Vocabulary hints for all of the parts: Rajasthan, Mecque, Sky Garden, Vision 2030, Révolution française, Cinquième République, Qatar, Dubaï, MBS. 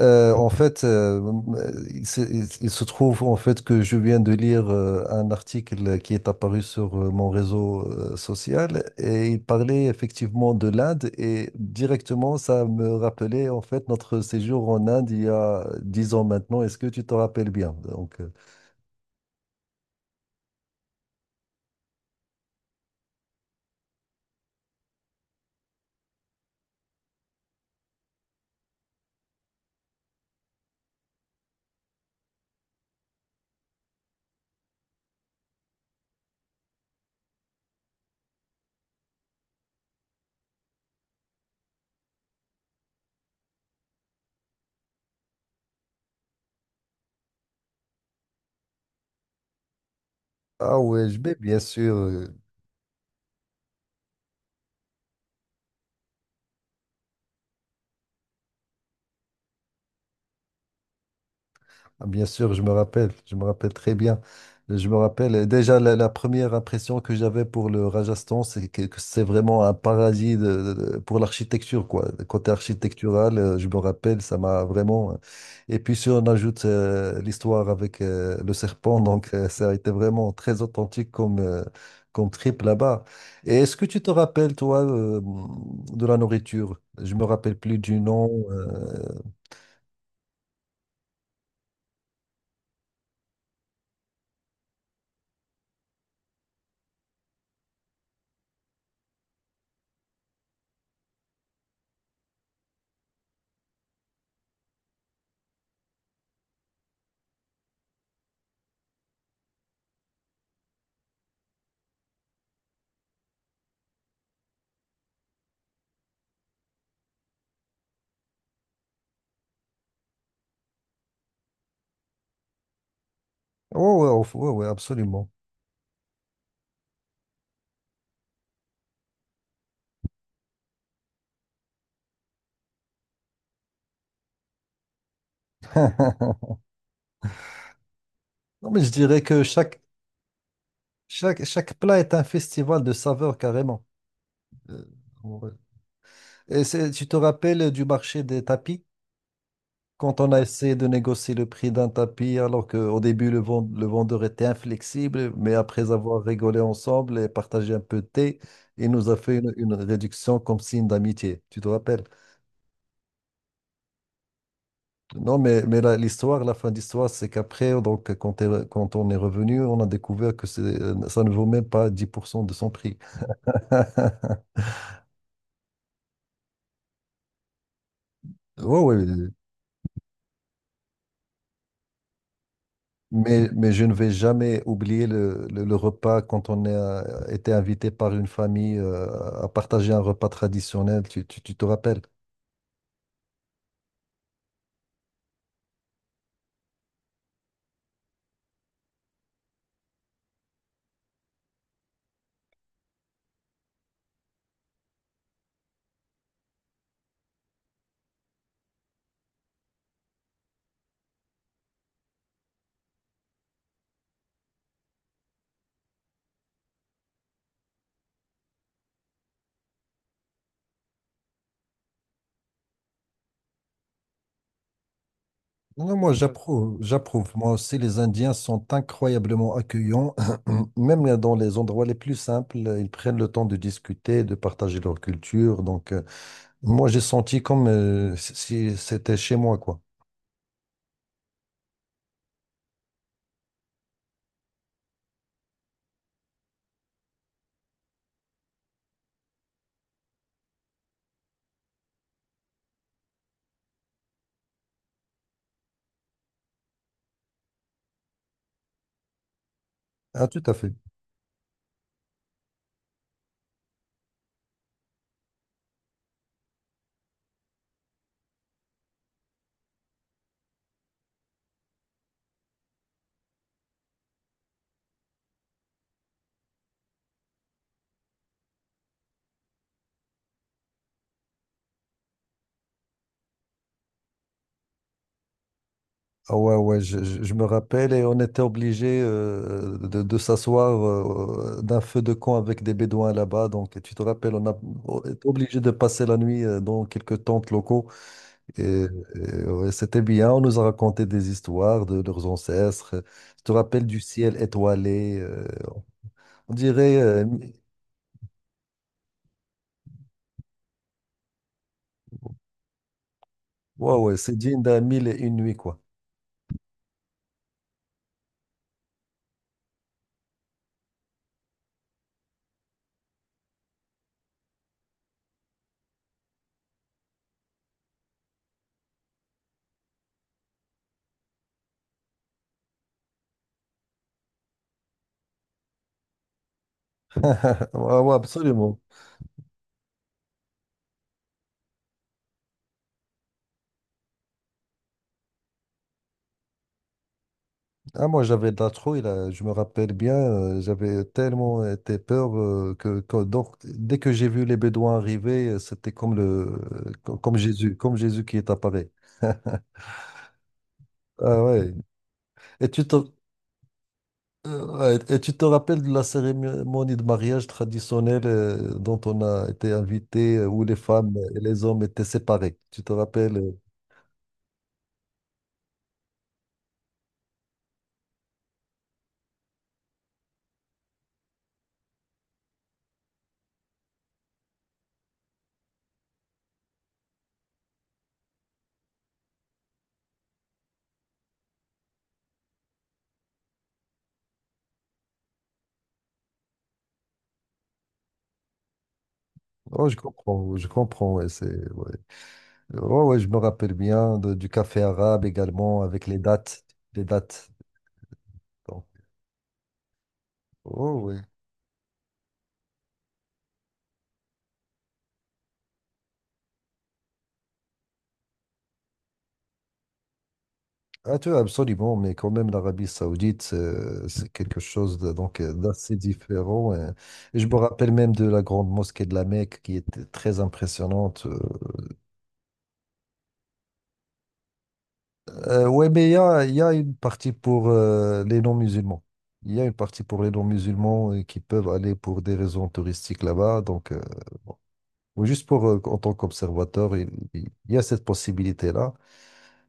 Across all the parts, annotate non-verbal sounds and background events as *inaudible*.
En fait, il- se trouve en fait que je viens de lire un article qui est apparu sur mon réseau social, et il parlait effectivement de l'Inde, et directement ça me rappelait en fait notre séjour en Inde il y a 10 ans maintenant. Est-ce que tu te rappelles bien? Donc, ah ouais, je vais bien sûr. Ah, bien sûr, je me rappelle très bien. Je me rappelle déjà la première impression que j'avais pour le Rajasthan, c'est que c'est vraiment un paradis pour l'architecture, quoi. Le côté architectural, je me rappelle, ça m'a vraiment. Et puis si on ajoute l'histoire avec le serpent, donc ça a été vraiment très authentique comme trip là-bas. Et est-ce que tu te rappelles, toi, de la nourriture? Je me rappelle plus du nom. Oh ouais, ouais, ouais, absolument. *laughs* Non, mais je dirais que chaque plat est un festival de saveurs, carrément. Euh, ouais. Et tu te rappelles du marché des tapis? Quand on a essayé de négocier le prix d'un tapis, alors qu'au début, le vendeur était inflexible, mais après avoir rigolé ensemble et partagé un peu de thé, il nous a fait une réduction comme signe d'amitié. Tu te rappelles? Non, mais l'histoire, la fin d'histoire, c'est qu'après, donc, quand on est revenu, on a découvert que ça ne vaut même pas 10% de son prix. *laughs* Ouais, oui, oui. Mais je ne vais jamais oublier le, le repas quand on a été invité par une famille à partager un repas traditionnel, tu te rappelles? Non, moi, ouais, j'approuve, j'approuve. Moi aussi, les Indiens sont incroyablement accueillants, *clears throat* même dans les endroits les plus simples, ils prennent le temps de discuter, de partager leur culture. Donc, moi j'ai senti comme si c'était chez moi, quoi. Ah, tout à fait. Ah ouais, ouais, je me rappelle, et on était obligé de s'asseoir d'un feu de camp avec des Bédouins là-bas. Donc, tu te rappelles, on était obligé de passer la nuit dans quelques tentes locaux. Et, et, ouais, c'était bien, on nous a raconté des histoires de leurs ancêtres. Tu te rappelles du ciel étoilé. On dirait, ouais, ouais, c'est digne d'un mille et une nuits, quoi. *laughs* Ouais, ouais, absolument. Ah, moi, j'avais de la trouille, là. Je me rappelle bien, j'avais tellement été peur donc, dès que j'ai vu les Bédouins arriver, c'était comme comme Jésus qui est apparu. *laughs* Ah ouais. Et tu te, ouais, et tu te rappelles de la cérémonie de mariage traditionnelle dont on a été invité, où les femmes et les hommes étaient séparés. Tu te rappelles? Oh, je comprends, je comprends. Ouais, ouais. Ouais, ouais, je me rappelle bien du café arabe également avec les dates, les dates. Donc, oh, ouais. Ah, tu absolument, mais quand même l'Arabie Saoudite, c'est quelque chose donc d'assez différent. Et, je me rappelle même de la grande mosquée de La Mecque qui était très impressionnante. Ouais, mais il y a une partie pour les non-musulmans. Il y a une partie pour les non-musulmans qui peuvent aller pour des raisons touristiques là-bas. Donc, oui, juste pour, en tant qu'observateur, il y a cette possibilité-là.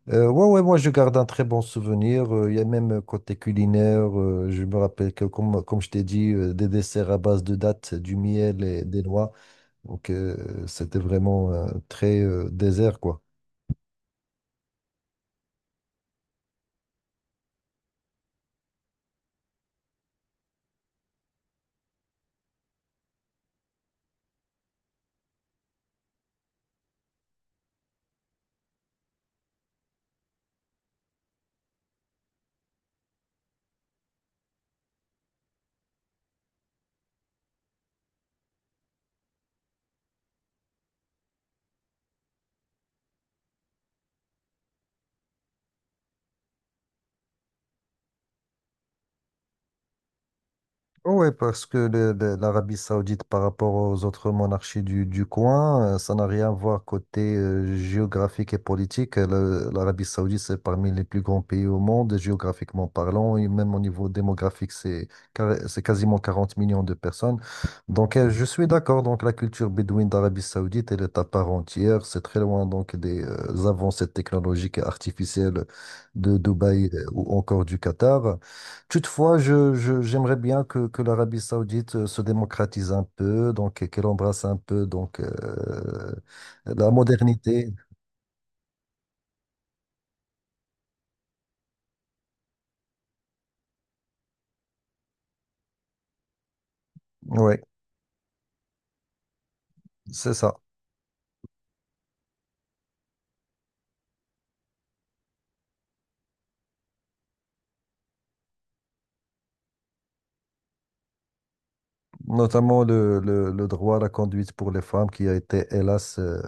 Ouais, ouais, moi, je garde un très bon souvenir. Il y a même côté culinaire, je me rappelle que, comme je t'ai dit, des desserts à base de dattes, du miel et des noix. Donc, c'était vraiment très désert, quoi. Oui, parce que l'Arabie Saoudite, par rapport aux autres monarchies du coin, ça n'a rien à voir, côté géographique et politique. L'Arabie Saoudite, c'est parmi les plus grands pays au monde, géographiquement parlant, et même au niveau démographique, c'est quasiment 40 millions de personnes. Donc, je suis d'accord, donc la culture bédouine d'Arabie Saoudite, elle est à part entière. C'est très loin donc des avancées technologiques et artificielles de Dubaï ou encore du Qatar. Toutefois, j'aimerais bien que l'Arabie Saoudite se démocratise un peu, donc, et qu'elle embrasse un peu, donc la modernité. Oui, c'est ça. Notamment le droit à la conduite pour les femmes, qui a été, hélas,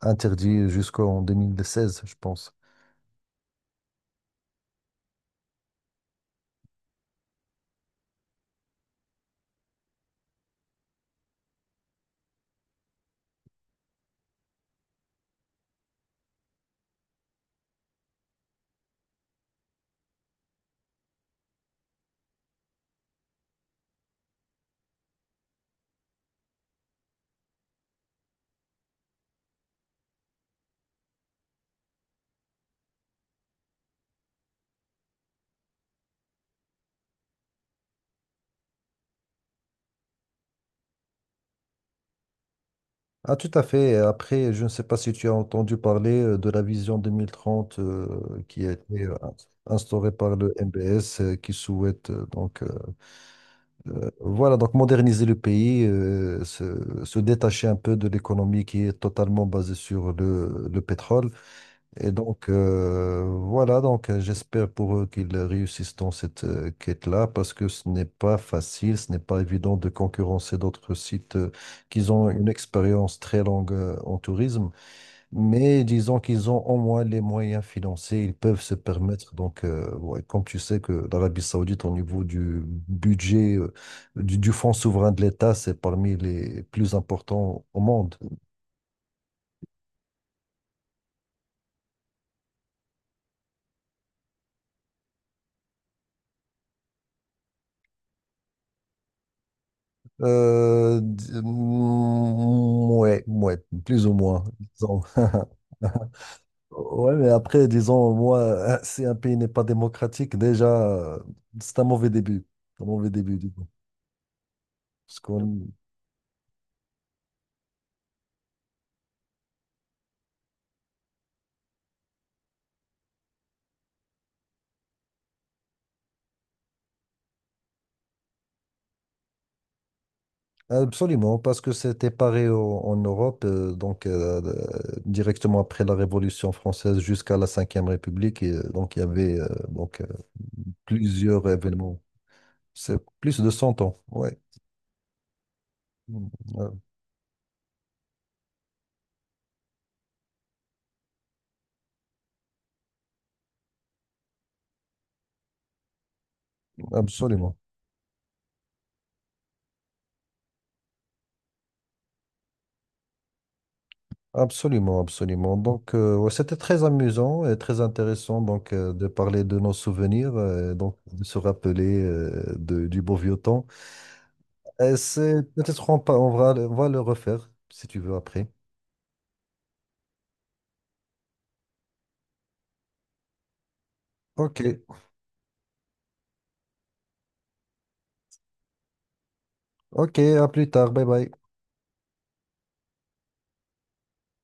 interdit jusqu'en 2016, je pense. Ah, tout à fait. Et après, je ne sais pas si tu as entendu parler de la vision 2030 qui a été instaurée par le MBS, qui souhaite donc voilà, donc moderniser le pays, se détacher un peu de l'économie qui est totalement basée sur le pétrole. Et donc, voilà, donc j'espère pour eux qu'ils réussissent dans cette quête-là, parce que ce n'est pas facile, ce n'est pas évident de concurrencer d'autres sites qui ont une expérience très longue en tourisme. Mais disons qu'ils ont au moins les moyens financiers, ils peuvent se permettre. Donc, ouais, comme tu sais que l'Arabie Saoudite, au niveau du budget, du fonds souverain de l'État, c'est parmi les plus importants au monde. Ouais, ouais, plus ou moins, disons. *laughs* Ouais, mais après, disons, moi, *laughs* si un pays n'est pas démocratique, déjà, c'est un mauvais début. Un mauvais début, disons. Parce qu'on. Absolument, parce que c'était pareil en Europe, donc directement après la Révolution française jusqu'à la Cinquième République, et, donc il y avait donc plusieurs événements. C'est plus de 100 ans, ouais. Mm, euh, Absolument, absolument, absolument. Donc ouais, c'était très amusant et très intéressant, donc de parler de nos souvenirs, donc de se rappeler du beau vieux temps. Et c'est peut-être, on va le refaire si tu veux après. Ok. Ok, à plus tard, bye bye.